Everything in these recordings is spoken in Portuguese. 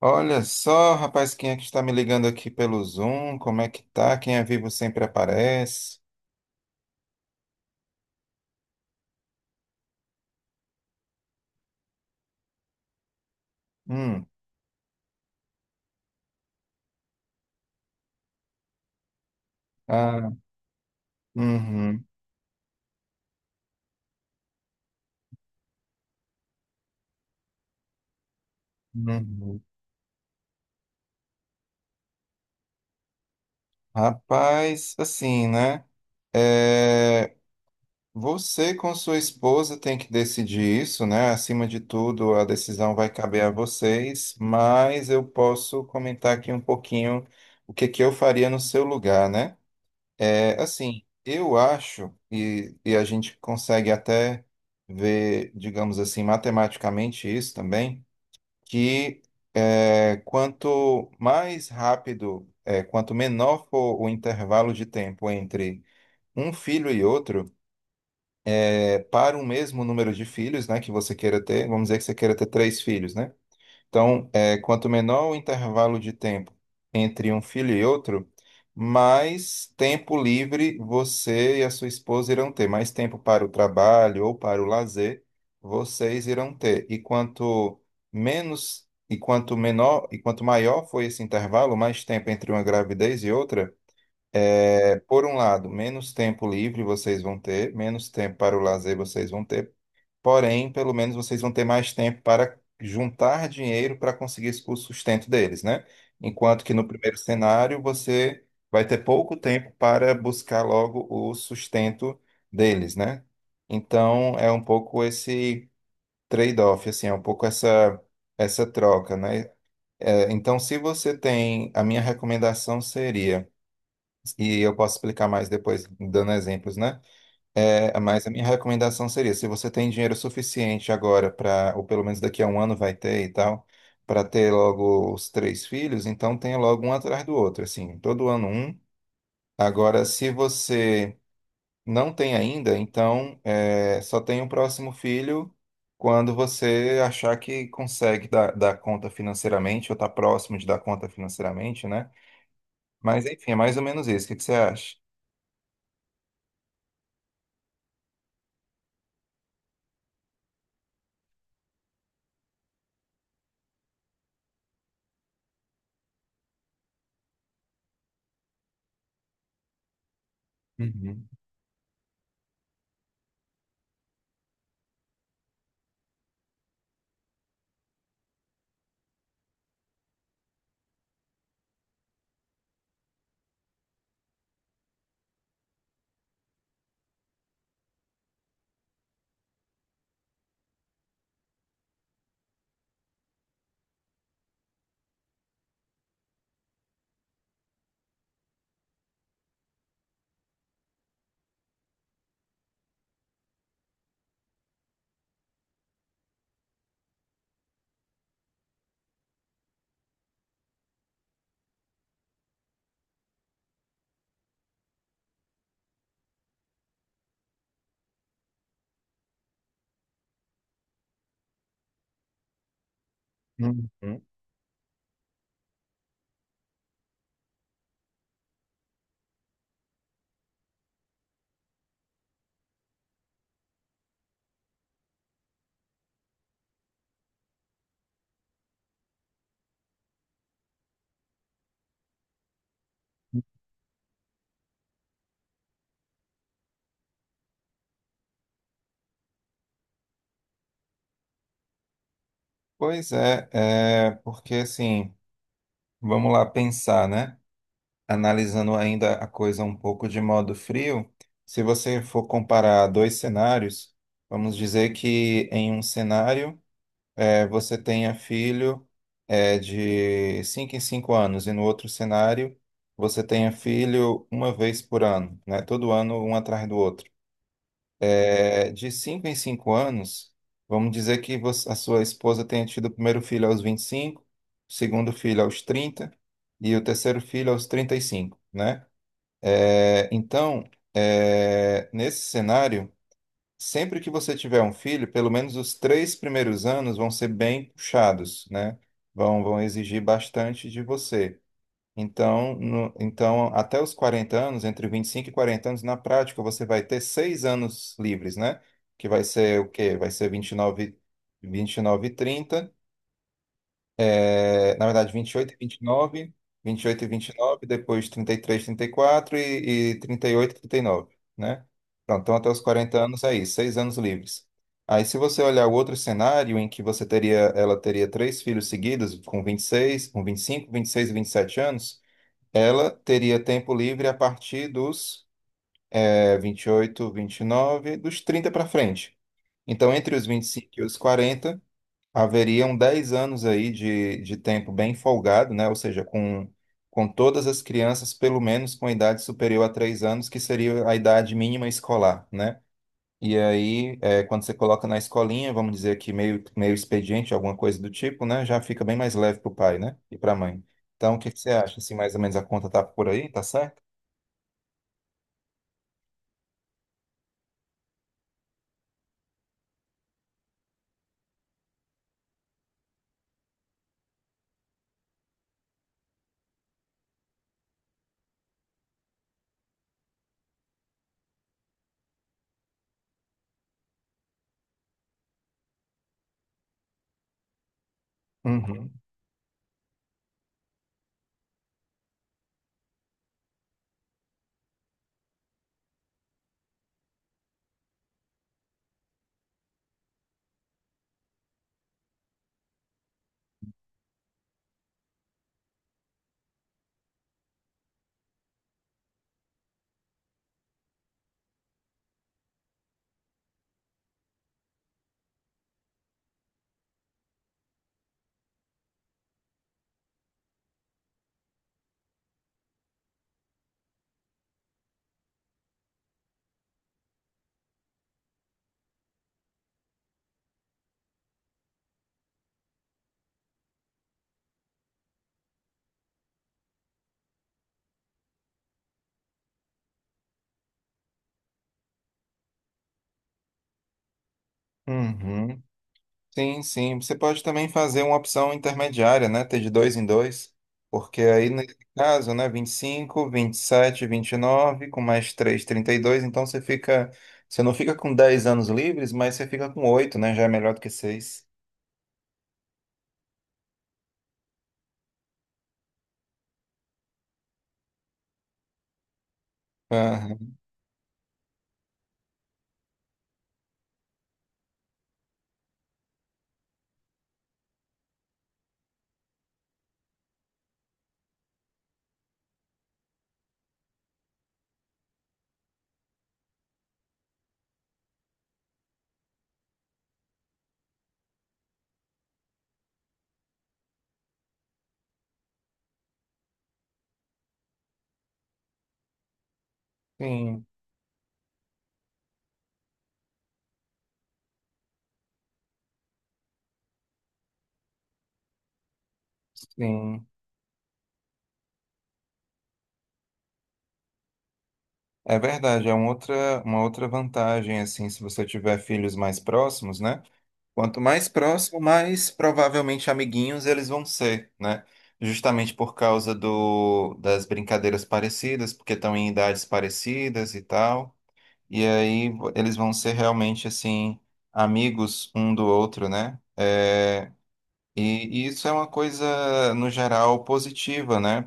Olha só, rapaz, quem é que está me ligando aqui pelo Zoom? Como é que tá? Quem é vivo sempre aparece. Hum. Ah. Uhum. Uhum. Rapaz, assim, né? É, você com sua esposa tem que decidir isso, né? Acima de tudo, a decisão vai caber a vocês, mas eu posso comentar aqui um pouquinho o que que eu faria no seu lugar, né? É, assim, eu acho, e a gente consegue até ver, digamos assim, matematicamente isso também, que é, quanto mais rápido, é, quanto menor for o intervalo de tempo entre um filho e outro, é, para o mesmo número de filhos, né, que você queira ter, vamos dizer que você queira ter três filhos, né? Então, é, quanto menor o intervalo de tempo entre um filho e outro, mais tempo livre você e a sua esposa irão ter, mais tempo para o trabalho ou para o lazer vocês irão ter. E quanto menos e quanto menor e quanto maior foi esse intervalo, mais tempo entre uma gravidez e outra, é, por um lado, menos tempo livre vocês vão ter, menos tempo para o lazer vocês vão ter. Porém, pelo menos vocês vão ter mais tempo para juntar dinheiro para conseguir o sustento deles, né? Enquanto que no primeiro cenário você vai ter pouco tempo para buscar logo o sustento deles, né? Então é um pouco esse trade-off, assim, é um pouco essa troca, né? É, então, se você tem, a minha recomendação seria, e eu posso explicar mais depois dando exemplos, né? É, mas a minha recomendação seria, se você tem dinheiro suficiente agora para, ou pelo menos daqui a um ano vai ter e tal, para ter logo os três filhos, então tenha logo um atrás do outro, assim, todo ano um. Agora, se você não tem ainda, então é, só tem o próximo filho quando você achar que consegue dar conta financeiramente, ou tá próximo de dar conta financeiramente, né? Mas enfim, é mais ou menos isso. O que que você acha? Uhum. Uhum. Pois é, é, porque assim. Vamos lá pensar, né? Analisando ainda a coisa um pouco de modo frio, se você for comparar dois cenários, vamos dizer que em um cenário você tenha filho de 5 em 5 anos, e no outro cenário você tenha filho uma vez por ano, né? Todo ano, um atrás do outro. É, de 5 em 5 anos, vamos dizer que você- a sua esposa tenha tido o primeiro filho aos 25, o segundo filho aos 30 e o terceiro filho aos 35, né? É, então, é, nesse cenário, sempre que você tiver um filho, pelo menos os três primeiros anos vão ser bem puxados, né? Vão exigir bastante de você. Então, então, até os 40 anos, entre 25 e 40 anos, na prática, você vai ter 6 anos livres, né? Que vai ser o quê? Vai ser vinte e nove, vinte e 30, é, na verdade, vinte e oito e vinte e nove, vinte e oito e vinte e oito nove, depois trinta e três, trinta e quatro e trinta e oito e trinta e nove, né? Pronto, então até os quarenta anos é isso, 6 anos livres. Aí, se você olhar o outro cenário em que você teria, ela teria três filhos seguidos, com 25, 26 e 27 anos, ela teria tempo livre a partir dos é, 28, 29, dos 30 para frente. Então, entre os 25 e cinco e os 40, haveriam 10 anos aí de tempo bem folgado, né? Ou seja, com todas as crianças, pelo menos com idade superior a 3 anos, que seria a idade mínima escolar, né? E aí, é, quando você coloca na escolinha, vamos dizer aqui meio, meio expediente, alguma coisa do tipo, né? Já fica bem mais leve para o pai, né? E para a mãe. Então, o que que você acha? Se mais ou menos a conta tá por aí, tá certo? Uhum. Uhum. Sim, sim. Você pode também fazer uma opção intermediária, né? Ter de dois em dois. Porque aí, nesse caso, né? Vinte e cinco, vinte e sete, vinte e nove, com mais três, trinta e dois. Então você fica. Você não fica com 10 anos livres, mas você fica com oito, né? Já é melhor do que 6. Sim, sim. É verdade. É uma outra vantagem, assim, se você tiver filhos mais próximos, né? Quanto mais próximo, mais provavelmente amiguinhos eles vão ser, né? Justamente por causa do, das brincadeiras parecidas, porque estão em idades parecidas e tal. E aí eles vão ser realmente, assim, amigos um do outro, né? É, e isso é uma coisa, no geral, positiva, né?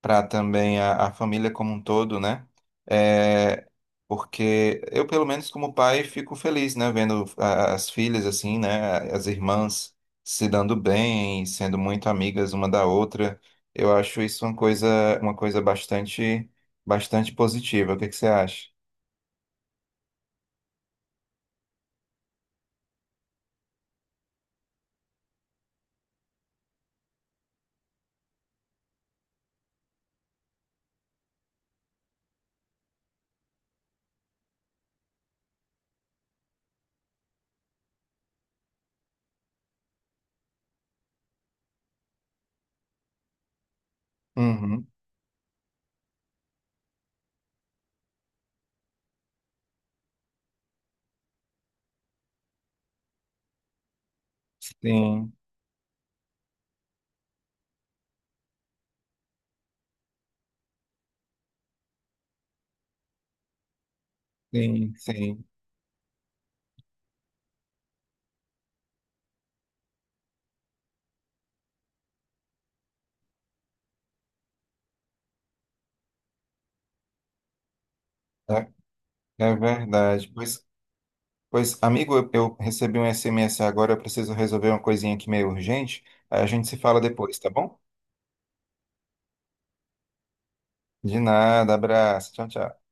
Para também a família como um todo, né? É, porque eu, pelo menos como pai, fico feliz, né? Vendo as filhas assim, né? As irmãs se dando bem, sendo muito amigas uma da outra. Eu acho isso uma coisa bastante, bastante positiva. O que que você acha? Uhum. Sim, sim, sim. É, é verdade. Pois, amigo, eu recebi um SMS agora, eu preciso resolver uma coisinha aqui meio urgente. A gente se fala depois, tá bom? De nada, abraço. Tchau, tchau.